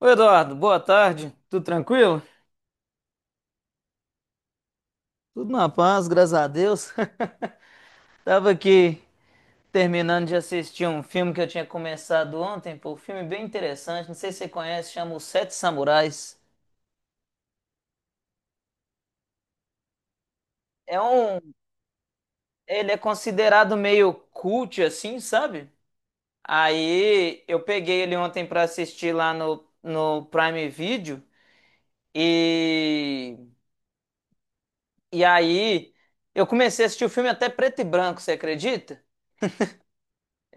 Oi, Eduardo, boa tarde. Tudo tranquilo? Tudo na paz, graças a Deus. Tava aqui terminando de assistir um filme que eu tinha começado ontem, pô, um filme bem interessante, não sei se você conhece, chama Os Sete Samurais. É um, ele é considerado meio cult assim, sabe? Aí eu peguei ele ontem pra assistir lá no Prime Video e e aí eu comecei a assistir o filme até preto e branco, você acredita?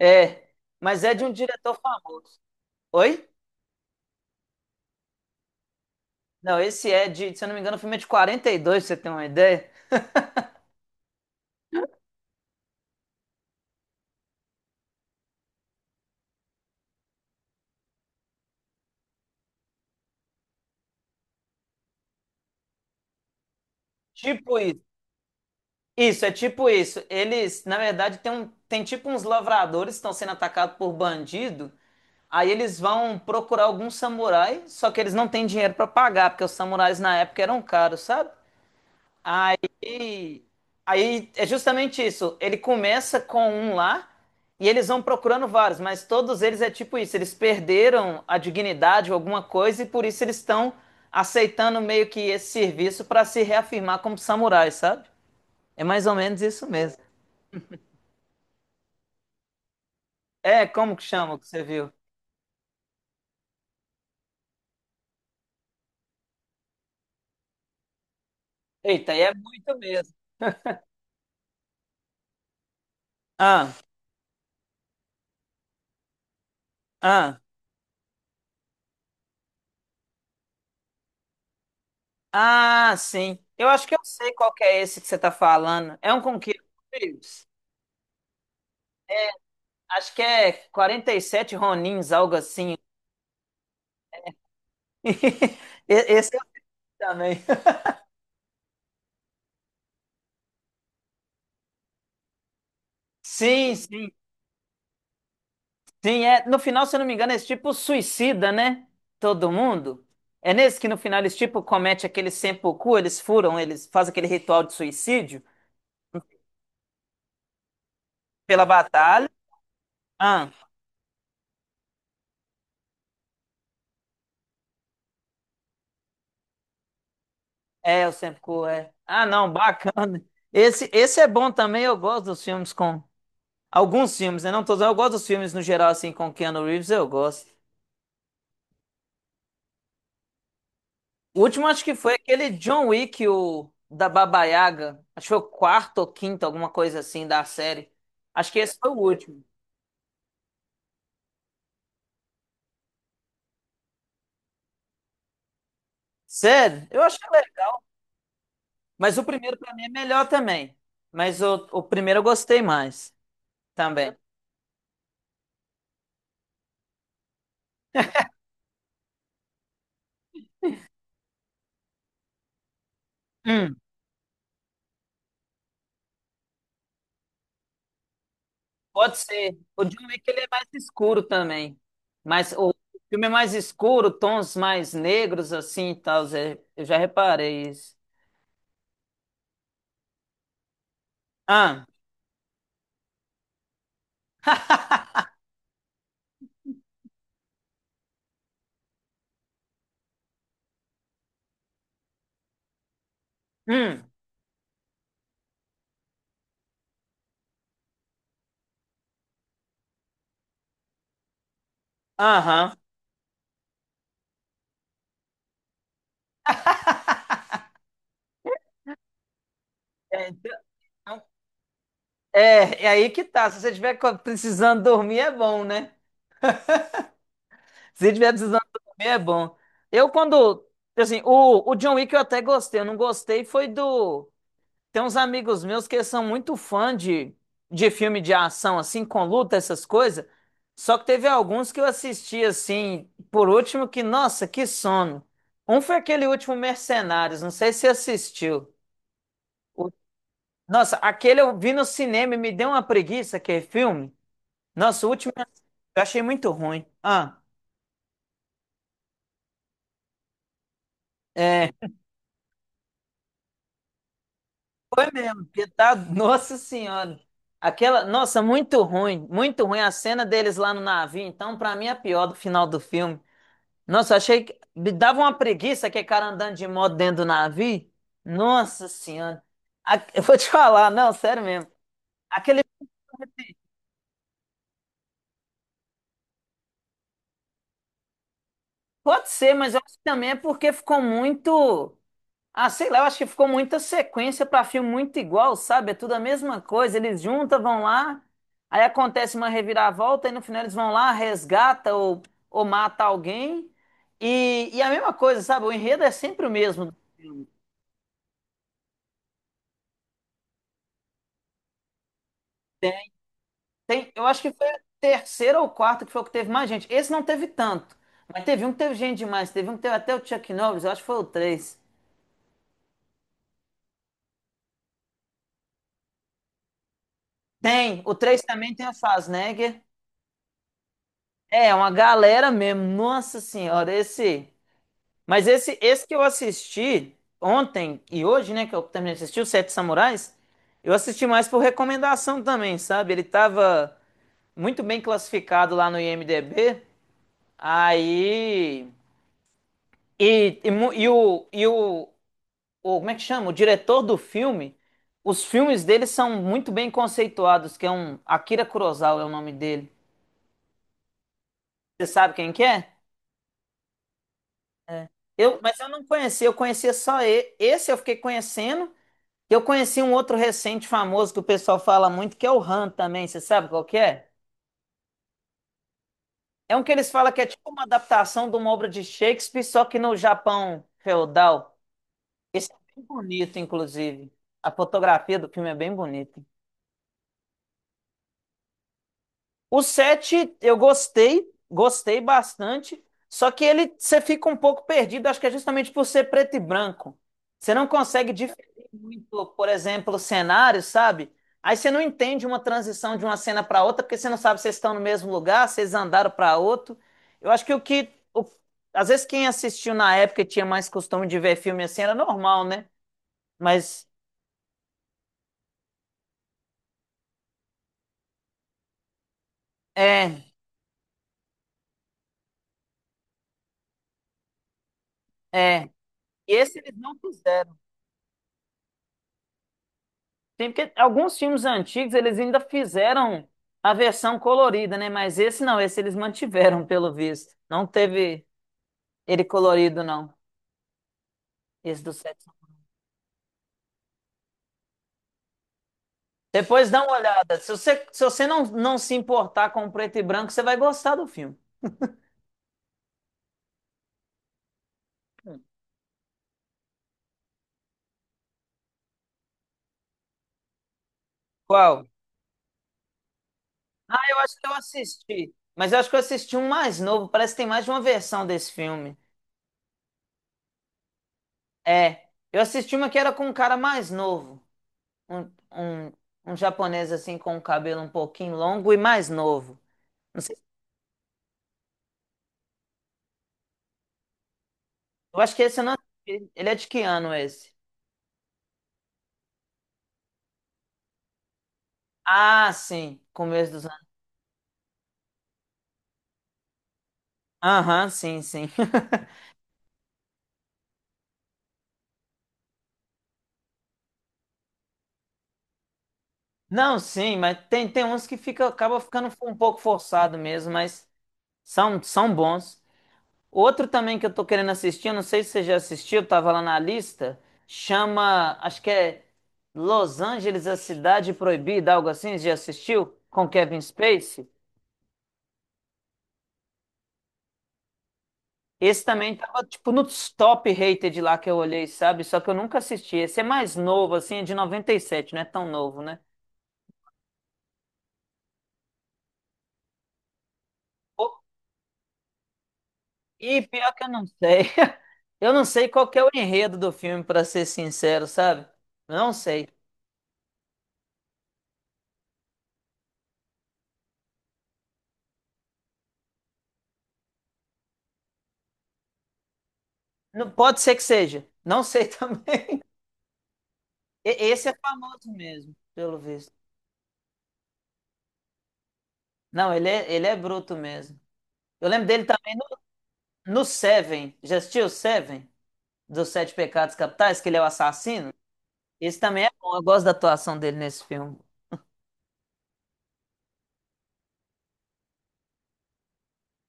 É, mas é de um diretor famoso. Oi? Não, esse é de, se eu não me engano, o filme é de 42, pra você ter uma ideia. Tipo isso. Isso, é tipo isso. Eles, na verdade, tem tipo uns lavradores que estão sendo atacados por bandido. Aí eles vão procurar algum samurai, só que eles não têm dinheiro pra pagar, porque os samurais na época eram caros, sabe? Aí, aí é justamente isso. Ele começa com um lá e eles vão procurando vários, mas todos eles é tipo isso. Eles perderam a dignidade ou alguma coisa e por isso eles estão aceitando meio que esse serviço para se reafirmar como samurais, sabe? É mais ou menos isso mesmo. É, como que chama o que você viu? Eita, aí é muito mesmo. Ah, ah, ah, sim. Eu acho que eu sei qual que é esse que você tá falando. É um com Keanu Reeves? Acho que é 47 Ronins, algo assim. Esse eu também. Sim, sim, sim. É, no final, se eu não me engano, é esse tipo suicida, né? Todo mundo. É nesse que no final eles tipo comete aquele seppuku, eles furam, eles fazem aquele ritual de suicídio pela batalha. Ah, é, o seppuku é. Ah, não, bacana. Esse é bom também, eu gosto dos filmes com alguns filmes, né? Não todos, eu gosto dos filmes no geral assim com Keanu Reeves, eu gosto. O último acho que foi aquele John Wick, o da Baba Yaga. Acho que foi o quarto ou quinto, alguma coisa assim da série. Acho que esse foi o último. Sério? Eu acho que é legal. Mas o primeiro pra mim é melhor também. Mas o primeiro eu gostei mais também. Hum, pode ser. O John Wick ele é mais escuro também. Mas o filme é mais escuro, tons mais negros assim e tal. Zé. Eu já reparei isso. Ah. Hum. Aham. É, então. É aí que tá. Se você estiver precisando dormir, é bom, né? Se você estiver precisando dormir, é bom. Eu, quando. Assim, o John Wick eu até gostei. Eu não gostei foi do. Tem uns amigos meus que são muito fã de filme de ação, assim, com luta, essas coisas. Só que teve alguns que eu assisti, assim, por último, que, nossa, que sono. Um foi aquele último Mercenários, não sei se você assistiu. O- Nossa, aquele eu vi no cinema e me deu uma preguiça, aquele filme. Nossa, o último. Eu achei muito ruim. Ah, é, foi mesmo, porque tá, nossa senhora. Aquela, nossa, muito ruim a cena deles lá no navio. Então, pra mim, é a pior do final do filme. Nossa, eu achei que me dava uma preguiça aquele cara andando de moto dentro do navio. Nossa senhora. Eu vou te falar, não, sério mesmo. Aquele filme pode ser, mas eu acho que também é porque ficou muito. Ah, sei lá, eu acho que ficou muita sequência para filme muito igual, sabe? É tudo a mesma coisa. Eles juntam, vão lá, aí acontece uma reviravolta, e no final eles vão lá, resgata ou mata alguém. E a mesma coisa, sabe? O enredo é sempre o mesmo. Tem, eu acho que foi o terceiro ou quarto que foi o que teve mais gente. Esse não teve tanto, mas teve um que teve gente demais. Teve um que teve até o Chuck Norris, eu acho que foi o três. Tem, o 3 também tem o Schwarzenegger. É, uma galera mesmo. Nossa Senhora, esse. Mas esse que eu assisti ontem e hoje, né, que eu terminei de assistir, o Sete Samurais, eu assisti mais por recomendação também, sabe? Ele tava muito bem classificado lá no IMDb, aí. E, e, mu- e o, e o, Como é que chama? O diretor do filme, os filmes dele são muito bem conceituados, que é um. Akira Kurosawa é o nome dele. Você sabe quem que é? Mas eu não conhecia, eu conhecia só ele. Esse eu fiquei conhecendo. Eu conheci um outro recente famoso que o pessoal fala muito, que é o Han também, você sabe qual que é? É um que eles falam que é tipo uma adaptação de uma obra de Shakespeare, só que no Japão feudal. Esse é bem bonito, inclusive. A fotografia do filme é bem bonita. O 7 eu gostei, gostei bastante, só que ele você fica um pouco perdido, acho que é justamente por ser preto e branco. Você não consegue diferir muito, por exemplo, cenários, sabe? Aí você não entende uma transição de uma cena para outra, porque você não sabe se vocês estão no mesmo lugar, se vocês andaram para outro. Eu acho que às vezes quem assistiu na época e tinha mais costume de ver filme assim era normal, né? Mas é, é. E esse eles não fizeram. Tem porque alguns filmes antigos eles ainda fizeram a versão colorida, né? Mas esse não, esse eles mantiveram, pelo visto. Não teve ele colorido, não. Esse do sexo. Depois dá uma olhada. Se você não se importar com o preto e branco, você vai gostar do filme. Qual? Ah, eu acho que eu assisti. Mas eu acho que eu assisti um mais novo. Parece que tem mais de uma versão desse filme. É. Eu assisti uma que era com um cara mais novo. Um, um, um japonês assim com o cabelo um pouquinho longo e mais novo. Eu acho que esse eu não assisti. Ele é de que ano esse? Ah, sim. Começo dos anos. Aham, sim, sim. Não, sim, mas tem uns que fica, acaba ficando um pouco forçado mesmo, mas são bons. Outro também que eu tô querendo assistir, eu não sei se você já assistiu, tava lá na lista, chama, acho que é Los Angeles, a Cidade Proibida, algo assim, você já assistiu? Com Kevin Spacey? Esse também tava, tipo, nos top rated lá que eu olhei, sabe? Só que eu nunca assisti. Esse é mais novo, assim, é de 97 não é tão novo, né? Pô, e pior que eu não sei. Eu não sei qual que é o enredo do filme, pra ser sincero, sabe? Não sei. Não, pode ser que seja. Não sei também. Esse é famoso mesmo, pelo visto. Não, ele é bruto mesmo. Eu lembro dele também no Seven. Já assistiu o Seven? Dos Sete Pecados Capitais, que ele é o assassino? Esse também é bom. Eu gosto da atuação dele nesse filme.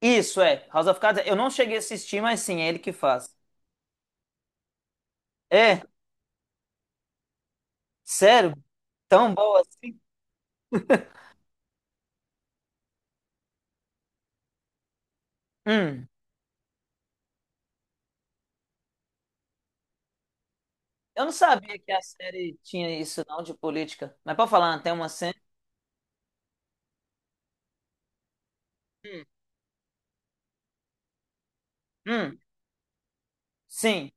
Isso, é. House of Cards, eu não cheguei a assistir, mas sim, é ele que faz. É? Sério? Tão boa assim? Hum. Eu não sabia que a série tinha isso, não, de política. Mas pode falar, tem uma cena. Hum. Hum. Sim.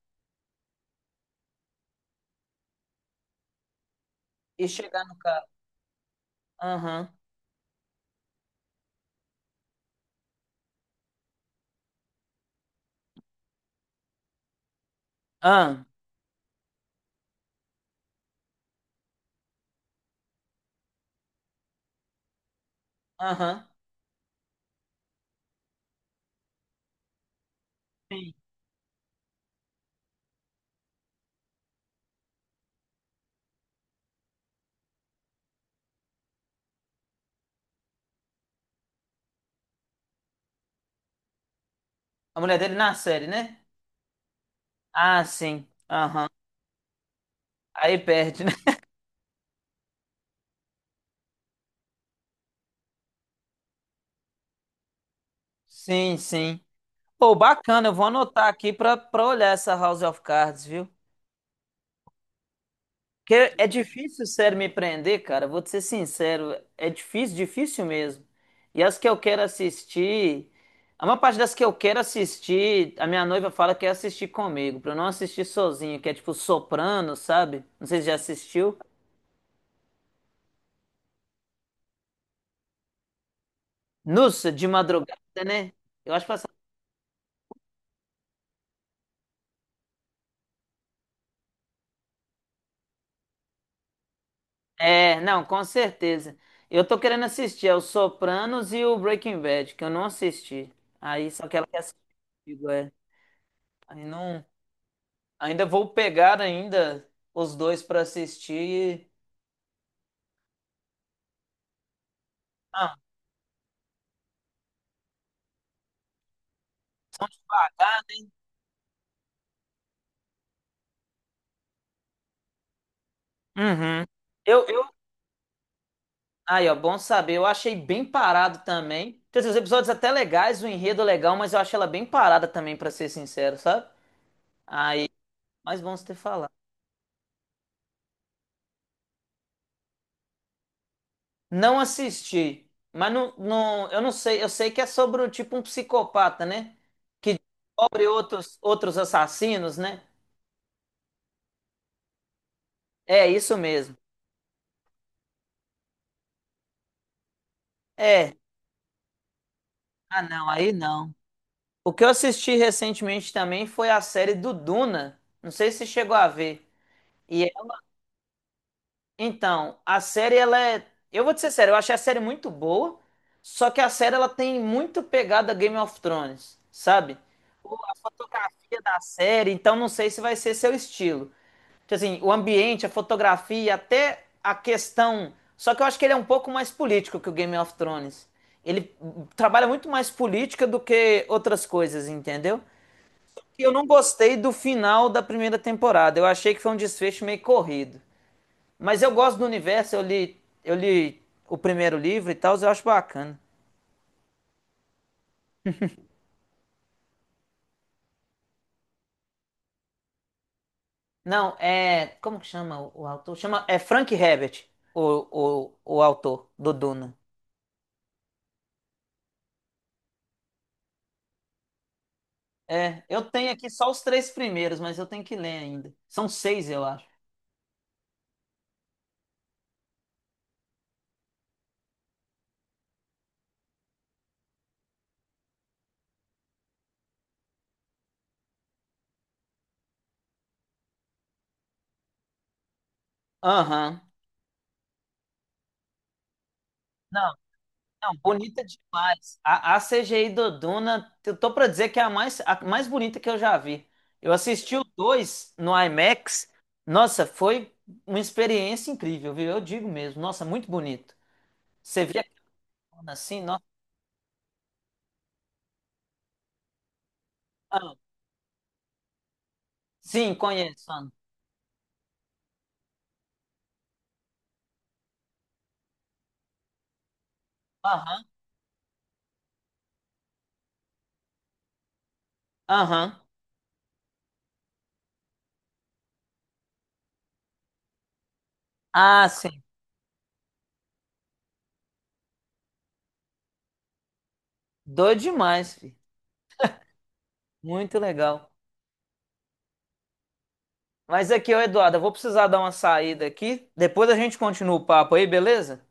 E chegar no carro. Aham. Aham. Aham. Sim. A mulher dele na série, né? Ah, sim. Aham. Aí perde, né? Sim, sim. Pô, bacana, eu vou anotar aqui pra olhar essa House of Cards, viu? Porque é difícil, sério, me prender, cara. Vou te ser sincero, é difícil, difícil mesmo. E as que eu quero assistir, a maior parte das que eu quero assistir, a minha noiva fala que é assistir comigo, pra eu não assistir sozinho, que é tipo Soprano, sabe? Não sei se já assistiu. Nossa, de madrugada, né? Eu acho que passa. É, não, com certeza. Eu tô querendo assistir, é o Sopranos e o Breaking Bad, que eu não assisti. Aí, só que ela quer assistir comigo, é. Aí não. Ainda vou pegar ainda os dois para assistir. Ah, uhum. Eu. Aí, ó, bom saber. Eu achei bem parado também. Quer dizer, os episódios até legais, o enredo é legal, mas eu achei ela bem parada também, pra ser sincero, sabe? Aí, mas bom você ter falado. Não assisti, mas não, eu não sei. Eu sei que é sobre o tipo um psicopata, né? Que descobre outros assassinos, né? É isso mesmo. É. Ah, não, aí não. O que eu assisti recentemente também foi a série do Duna. Não sei se você chegou a ver. E é- então, a série ela é, eu vou te ser sério, eu achei a série muito boa, só que a série ela tem muito pegada Game of Thrones, sabe? A fotografia da série, então não sei se vai ser seu estilo. Tipo assim, o ambiente, a fotografia, até a questão. Só que eu acho que ele é um pouco mais político que o Game of Thrones. Ele trabalha muito mais política do que outras coisas, entendeu? Eu não gostei do final da primeira temporada. Eu achei que foi um desfecho meio corrido. Mas eu gosto do universo, eu li o primeiro livro e tal, eu acho bacana. Não, é. Como que chama o autor? Chama, é Frank Herbert, o autor do Duna. É, eu tenho aqui só os três primeiros, mas eu tenho que ler ainda. São seis, eu acho. Aham. Não, bonita demais. A CGI do Duna, eu tô pra dizer que é a mais bonita que eu já vi. Eu assisti o 2 no IMAX. Nossa, foi uma experiência incrível, viu? Eu digo mesmo. Nossa, muito bonito. Você vê a cona assim, nossa. Ah, sim, conheço. Ana. Aham, aham. Ah, sim. Doido demais, filho. Muito legal. Mas aqui, ô Eduardo, eu vou precisar dar uma saída aqui. Depois a gente continua o papo aí, beleza?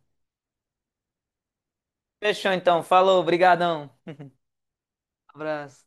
Fechou então. Falou, brigadão. Um abraço.